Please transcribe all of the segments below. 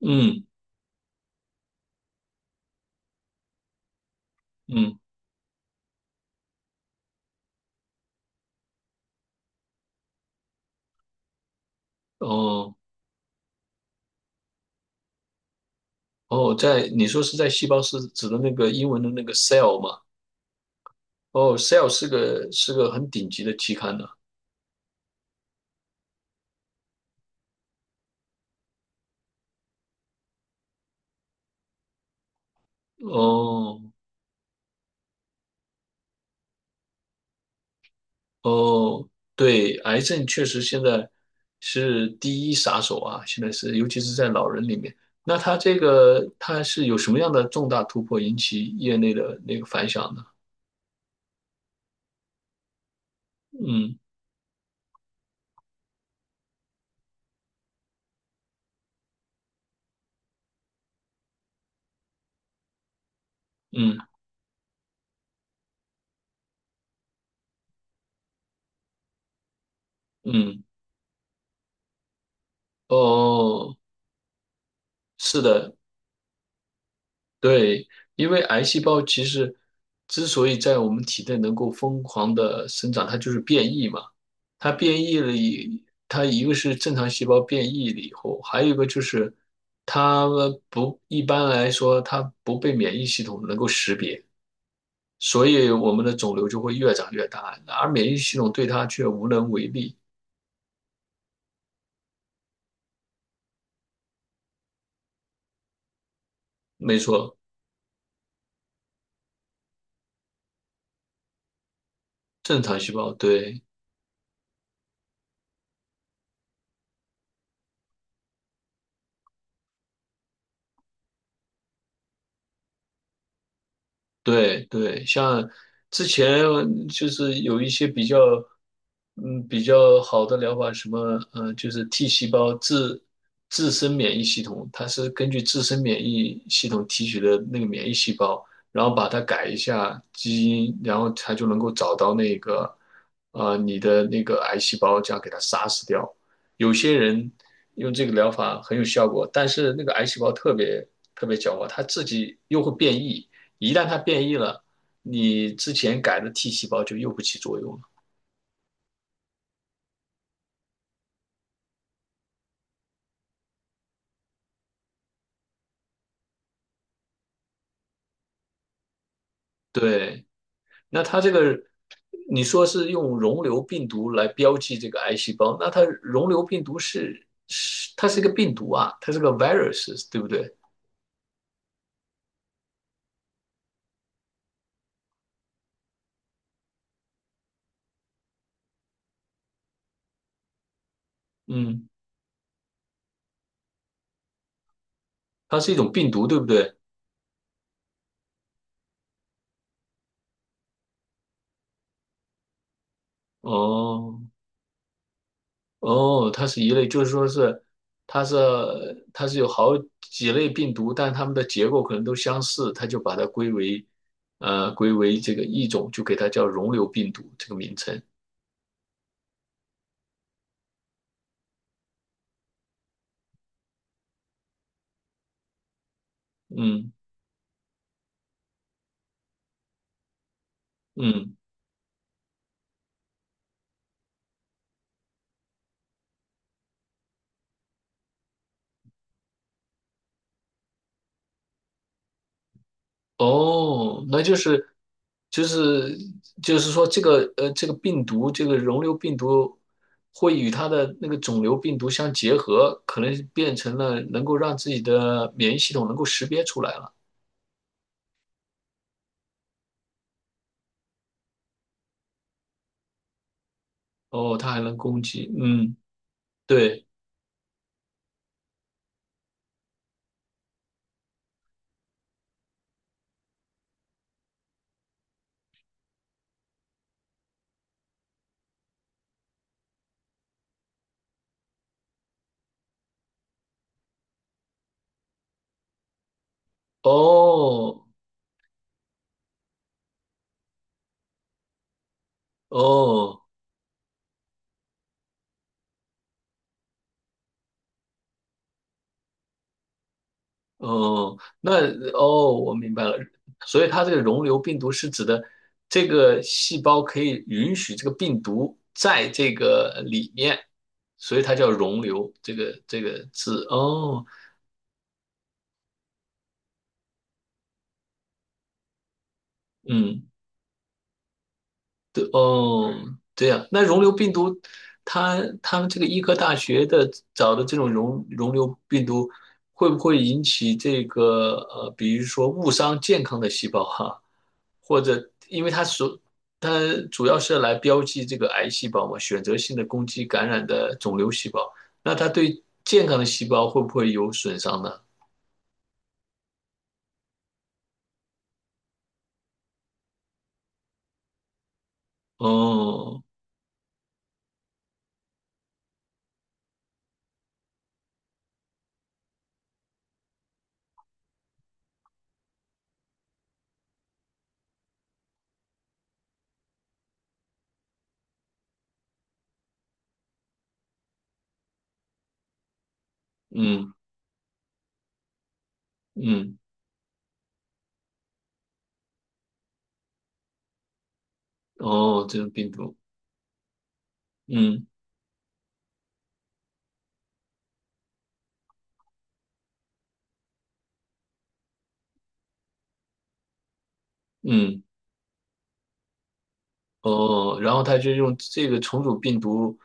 嗯嗯，哦哦，在你说是在细胞是指的那个英文的那个 cell 吗？哦，cell 是个很顶级的期刊呢。哦哦，对，癌症确实现在是第一杀手啊，现在是尤其是在老人里面。那它这个它是有什么样的重大突破引起业内的那个反响呢？嗯嗯嗯，哦，是的，对，因为癌细胞其实之所以在我们体内能够疯狂的生长，它就是变异嘛。它变异了以，它一个是正常细胞变异了以后，还有一个就是它们不，一般来说它不被免疫系统能够识别，所以我们的肿瘤就会越长越大，而免疫系统对它却无能为力。没错，正常细胞，对。对对，像之前就是有一些比较好的疗法，什么，就是 T 细胞自身免疫系统，它是根据自身免疫系统提取的那个免疫细胞，然后把它改一下基因，然后它就能够找到那个，啊你的那个癌细胞，这样给它杀死掉。有些人用这个疗法很有效果，但是那个癌细胞特别特别狡猾，它自己又会变异。一旦它变异了，你之前改的 T 细胞就又不起作用了。对，那它这个你说是用溶瘤病毒来标记这个癌细胞，那它溶瘤病毒它是一个病毒啊，它是个 virus，对不对？嗯，它是一种病毒，对不对？哦，哦，它是一类，就是说是它是它是有好几类病毒，但它们的结构可能都相似，它就把它归为这个一种，就给它叫溶瘤病毒这个名称。嗯嗯，哦，那就是就是说这个病毒这个溶瘤病毒会与它的那个肿瘤病毒相结合，可能变成了能够让自己的免疫系统能够识别出来了。哦，它还能攻击，嗯。对，哦，哦，哦，那哦，我明白了。所以它这个溶瘤病毒是指的这个细胞可以允许这个病毒在这个里面，所以它叫溶瘤这个字。哦，嗯。对，哦，对呀，那溶瘤病毒，他们这个医科大学的找的这种溶瘤病毒，会不会引起这个比如说误伤健康的细胞哈，或者因为它主要是来标记这个癌细胞嘛，选择性的攻击感染的肿瘤细胞，那它对健康的细胞会不会有损伤呢？哦，嗯嗯，哦，这种病毒，嗯嗯。哦，然后他就用这个重组病毒，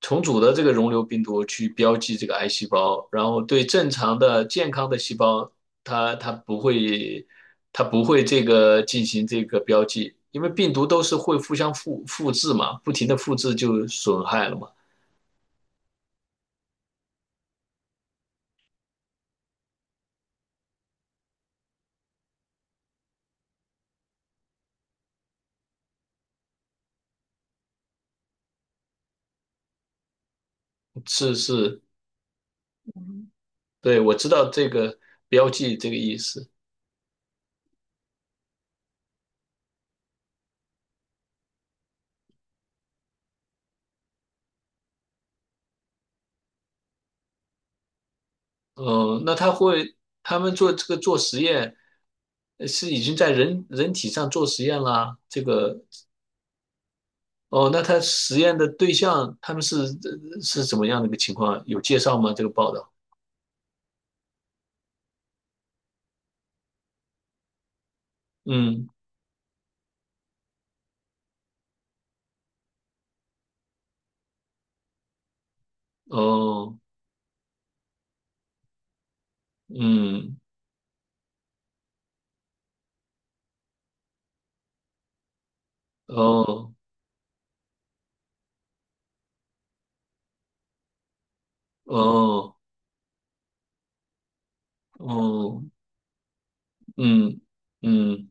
重组的这个溶瘤病毒去标记这个癌细胞，然后对正常的健康的细胞，它它不会它不会这个进行这个标记，因为病毒都是会互相复制嘛，不停的复制就损害了嘛。是是，对，我知道这个标记这个意思。嗯，那他们做这个做实验，是已经在人体上做实验啦，这个哦，那他实验的对象他们是怎么样的一个情况？有介绍吗？这个报道？嗯，哦，嗯，哦，哦，哦，嗯，嗯，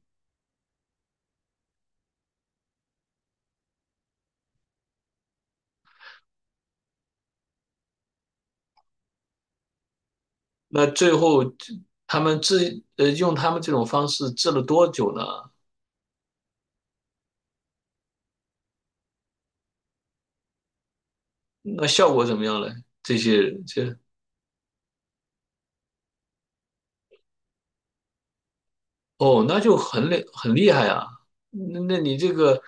那最后他们用他们这种方式治了多久呢？那效果怎么样嘞？这些哦，那就很厉害啊！那你这个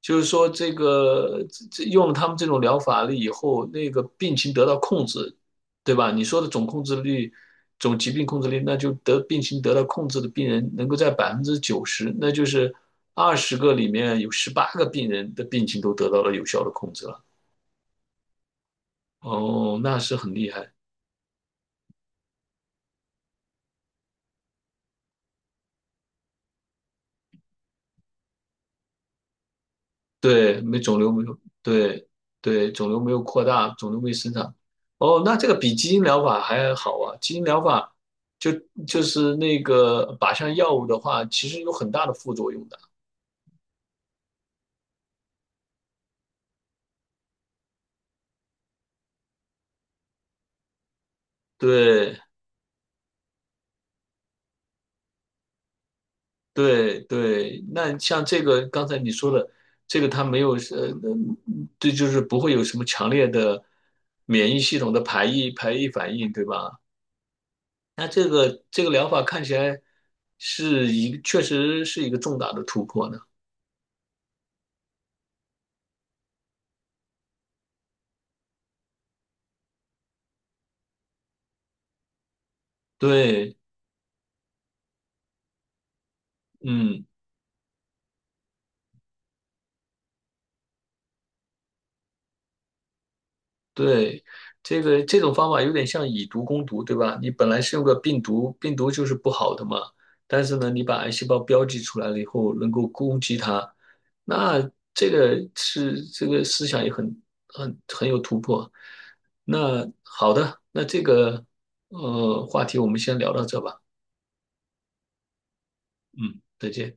就是说，这用了他们这种疗法了以后，那个病情得到控制，对吧？你说的总控制率，总疾病控制率，那就得病情得到控制的病人能够在90%，那就是20个里面有18个病人的病情都得到了有效的控制了。哦，那是很厉害。对，没肿瘤没有，对对，肿瘤没有扩大，肿瘤没生长。哦，那这个比基因疗法还好啊。基因疗法就就是那个靶向药物的话，其实有很大的副作用的。对对对，那像这个刚才你说的，这个它没有这就是不会有什么强烈的免疫系统的排异反应，对吧？那这个疗法看起来是一个确实是一个重大的突破呢。对，嗯，对，这种方法有点像以毒攻毒，对吧？你本来是用个病毒，病毒就是不好的嘛，但是呢，你把癌细胞标记出来了以后，能够攻击它，那这个是这个思想也很有突破。那好的，那这个话题我们先聊到这吧，嗯，再见。